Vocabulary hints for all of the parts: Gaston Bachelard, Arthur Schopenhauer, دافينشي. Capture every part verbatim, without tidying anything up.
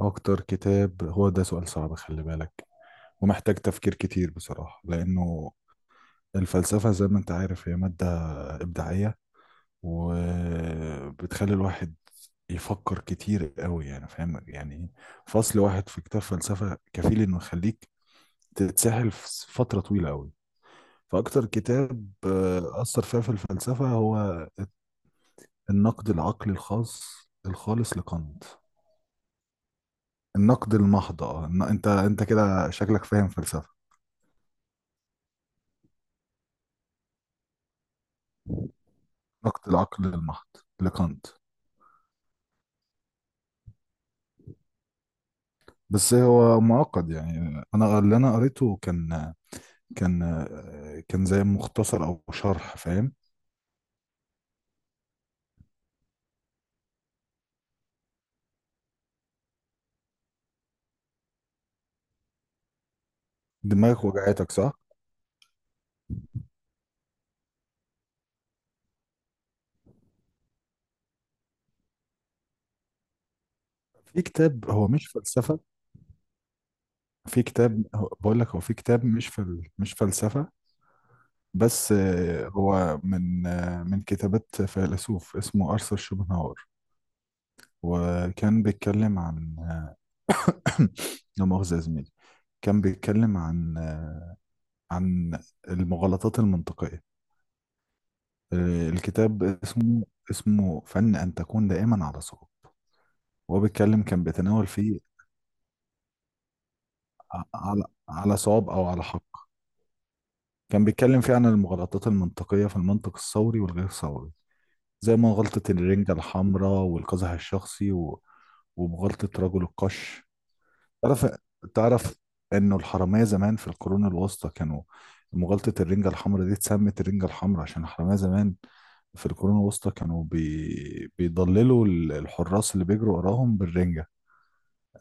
أكتر كتاب؟ هو ده سؤال صعب، خلي بالك ومحتاج تفكير كتير بصراحة، لأنه الفلسفة زي ما أنت عارف هي مادة إبداعية وبتخلي الواحد يفكر كتير قوي، يعني فاهم، يعني فصل واحد في كتاب فلسفة كفيل إنه يخليك تتسحل في فترة طويلة قوي. فأكتر كتاب آه، أثر فيا في الفلسفة هو النقد العقلي الخاص الخالص لكانت. النقد المحض، آه، إن- أنت أنت كده شكلك فاهم فلسفة. نقد العقل المحض لكانت. بس هو معقد، يعني انا اللي انا قريته كان كان كان زي مختصر او شرح، فاهم. دماغك وجعتك صح؟ في كتاب هو مش فلسفة، في كتاب هو- بقول لك هو في كتاب مش فل مش فلسفة، بس آه، هو من آه، من كتابات فيلسوف اسمه أرثر شوبنهاور. وكان بيتكلم عن لا مؤاخذة يا زميلي، كان بيتكلم عن آه، عن المغالطات المنطقية. آه، الكتاب اسمه اسمه فن أن تكون دائما على صواب. وهو بيتكلم، كان بيتناول فيه ع- على على صواب أو على حق. كان بيتكلم فيه عن المغالطات المنطقية في المنطق الثوري والغير ثوري، زي ما غلطة الرنجة الحمراء والقزح الشخصي و- ومغالطة رجل القش. تعرف تعرف انه الحرامية زمان في القرون الوسطى كانوا... مغالطة الرنجة الحمراء دي اتسمت الرنجة الحمراء عشان الحرامية زمان في القرون الوسطى كانوا بي... بيضللوا ال- الحراس اللي بيجروا وراهم بالرنجة،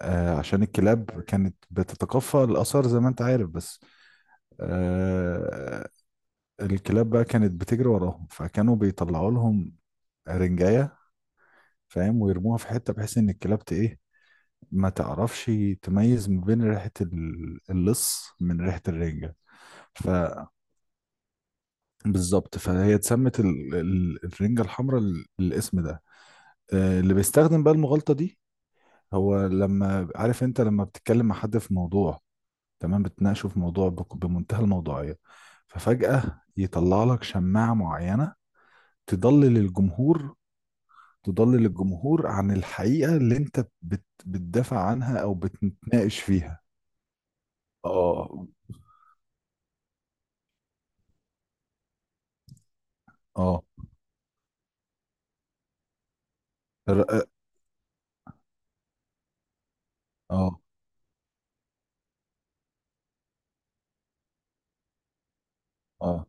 آه، عشان الكلاب كانت بتتقفى الآثار زي ما انت عارف. بس آه الكلاب بقى كانت بتجري وراهم، فكانوا بيطلعوا لهم رنجاية، فاهم، ويرموها في حتة بحيث ان الكلاب ت- ايه ما تعرفش تميز ما بين ريحة ال- اللص من ريحة الرنجة. فبالظبط فهي اتسمت ال- ال- الرنجة الحمراء، ال- الاسم ده آه، اللي بيستخدم بقى المغالطة دي، هو لما... عارف، انت لما بتتكلم مع حد في موضوع، تمام، بتناقشه في موضوع بك- بمنتهى الموضوعية، ففجأة يطلع لك شماعة معينة تضلل الجمهور، تضلل الجمهور عن الحقيقة اللي انت بت- بتدافع عنها او بتناقش فيها. اه، اه، اه، اه،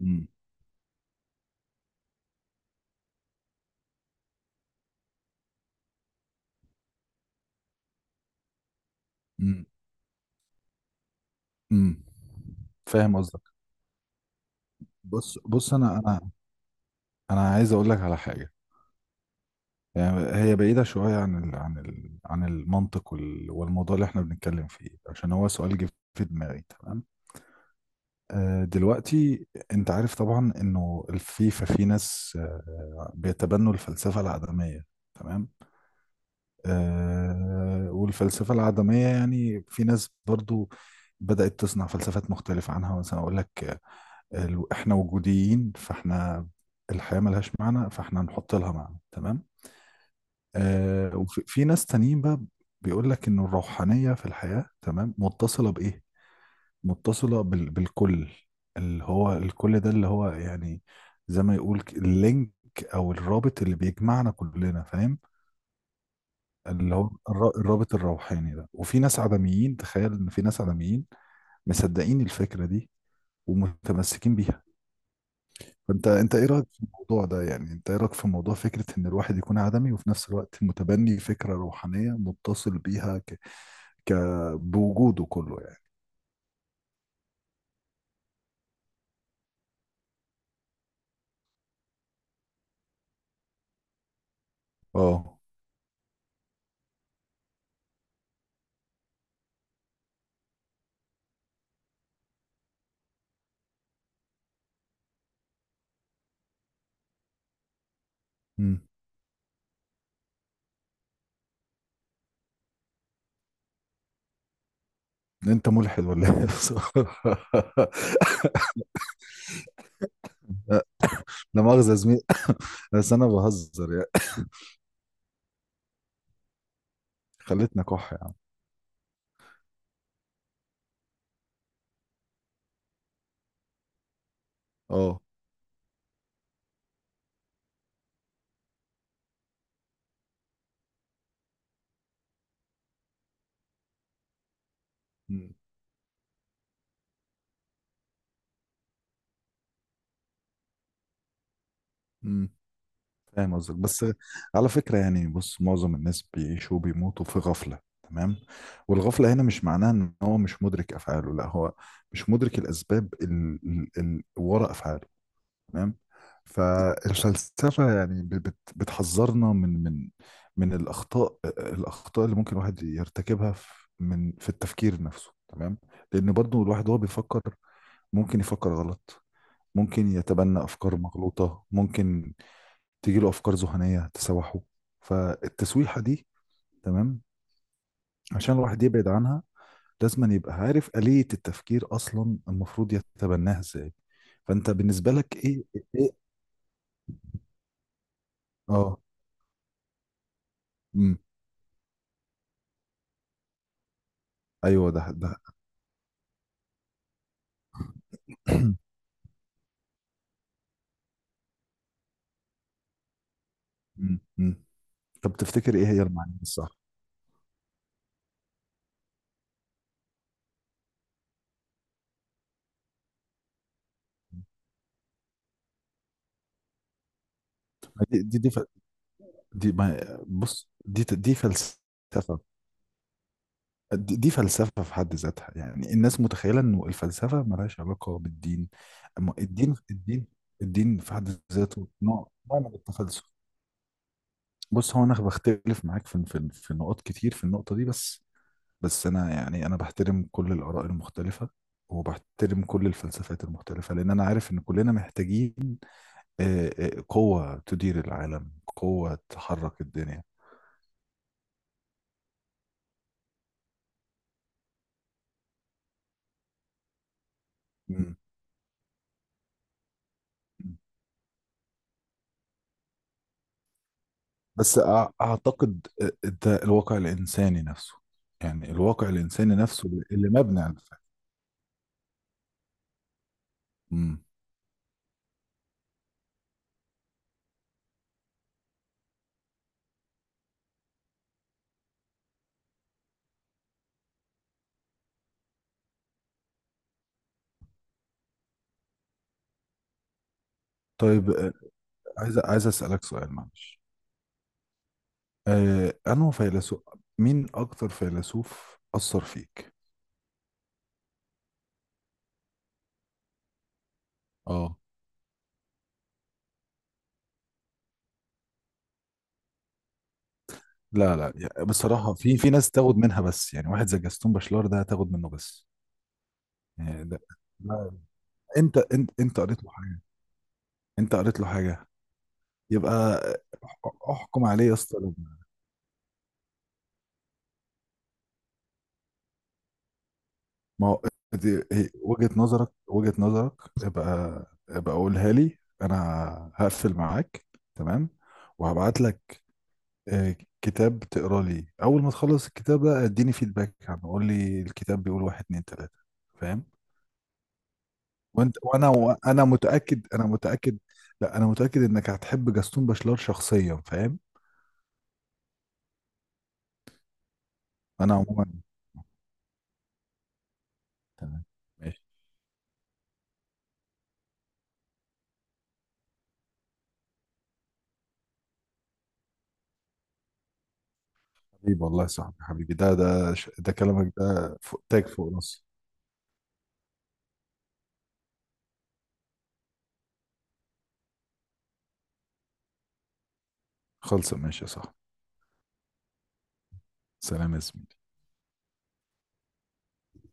امم، امم، امم، فاهم قصدك. بص بص، انا انا انا عايز اقول لك على حاجه. يعني هي بعيده شويه عن ال عن ال عن المنطق وال- والموضوع اللي احنا بنتكلم فيه، عشان هو سؤال جه في دماغي، تمام. آه، دلوقتي انت عارف طبعا انه الفيفا في ناس آه، بيتبنوا الفلسفه العدميه، تمام. آه، والفلسفه العدميه يعني في ناس برضو بدأت تصنع فلسفات مختلفة عنها. مثلا أقول لك، ال- احنا وجوديين، فاحنا الحياة ملهاش معنى، فاحنا نحط لها معنى، تمام. آه، وفي في ناس تانيين بقى بيقول لك ان الروحانية في الحياة، تمام، متصلة بإيه؟ متصلة بال بالكل، اللي هو الكل ده اللي هو، يعني زي ما يقول ك- اللينك او الرابط اللي بيجمعنا كلنا، فاهم، اللي هو الر- الرابط الروحاني ده. وفي ناس عدميين، تخيل ان في ناس عدميين مصدقين الفكرة دي ومتمسكين بيها. فانت انت ايه رايك في الموضوع ده؟ يعني انت ايه رايك في موضوع فكره ان الواحد يكون عدمي وفي نفس الوقت متبني فكره روحانيه متصل بيها ك... ك... بوجوده كله يعني. اه، امم، انت ملحد ولا ايه بصراحة. لا، لا مؤاخذه يا زميلي، بس انا بهزر يعني. خليتنا كح يا عم. اه، امم، فاهم قصدك. بس على فكرة يعني، بص، معظم الناس بيعيشوا وبيموتوا في غفلة، تمام. والغفلة هنا مش معناها ان هو مش مدرك افعاله، لا، هو مش مدرك الاسباب اللي وراء افعاله، تمام. فالفلسفة يعني ب- بت- بتحذرنا من من من الاخطاء، الاخطاء اللي ممكن الواحد يرتكبها في من في التفكير نفسه، تمام. لان برضو الواحد وهو بيفكر ممكن يفكر غلط، ممكن يتبنى افكار مغلوطة، ممكن تيجي له افكار ذهنيه تسوحه، فالتسويحه دي، تمام، عشان الواحد يبعد عنها لازم أن يبقى عارف آلية التفكير اصلا المفروض يتبناها ازاي. فانت بالنسبه لك ايه؟ ايه؟ اه، امم، ايوه، ده ده مم، مم. طب تفتكر ايه هي المعاني الصح؟ دي دي, دي, ف... دي ما... بص، دي دي فلسفه، دي دي فلسفة في حد ذاتها. يعني الناس متخيلة انه الفلسفة ملهاش علاقة بالدين، اما الدين، الدين الدين في حد ذاته نوع نوع من التفلسف. بص، هو انا بختلف معاك في في في نقط كتير في النقطة دي، بس بس انا يعني انا بحترم كل الآراء المختلفة وبحترم كل الفلسفات المختلفة، لأن أنا عارف إن كلنا محتاجين آه، آه، قوة تدير العالم، قوة تحرك الدنيا. مم. بس أع- اعتقد ده الواقع الانساني نفسه، يعني الواقع الانساني نفسه اللي مبني على الفهم. امم. طيب آه، عايز عايز اسالك سؤال معلش، آه، انه فيلسوف مين اكتر فيلسوف اثر فيك؟ اه، لا، لا، يعني بصراحه في في ناس تاخد منها، بس يعني واحد زي جاستون باشلار ده تاخد منه بس، يعني ده، لا، انت انت انت قريت له حاجه؟ انت قريت له حاجه؟ يبقى اح- احكم عليه يا اسطى. ما هو دي هي- وجهة نظرك، وجهة نظرك ابقى ابقى قولها لي انا. هقفل معاك، تمام، وهبعت لك آه، كتاب، تقرا لي. اول ما تخلص الكتاب ده اديني فيدباك عنه، قول لي الكتاب بيقول واحد اتنين تلاتة، فاهم. وانت وانا وانا متأكد، انا متأكد، لا، انا متأكد انك هتحب جاستون باشلار شخصيا، فاهم. انا عموما، تمام، ماشي. حبيبي والله يا صاحبي، حبيبي، ده ده ش- ده كلامك ده فوق تاج فوق راسي. خلص، ماشي يا صاحبي. سلام يا زميلي.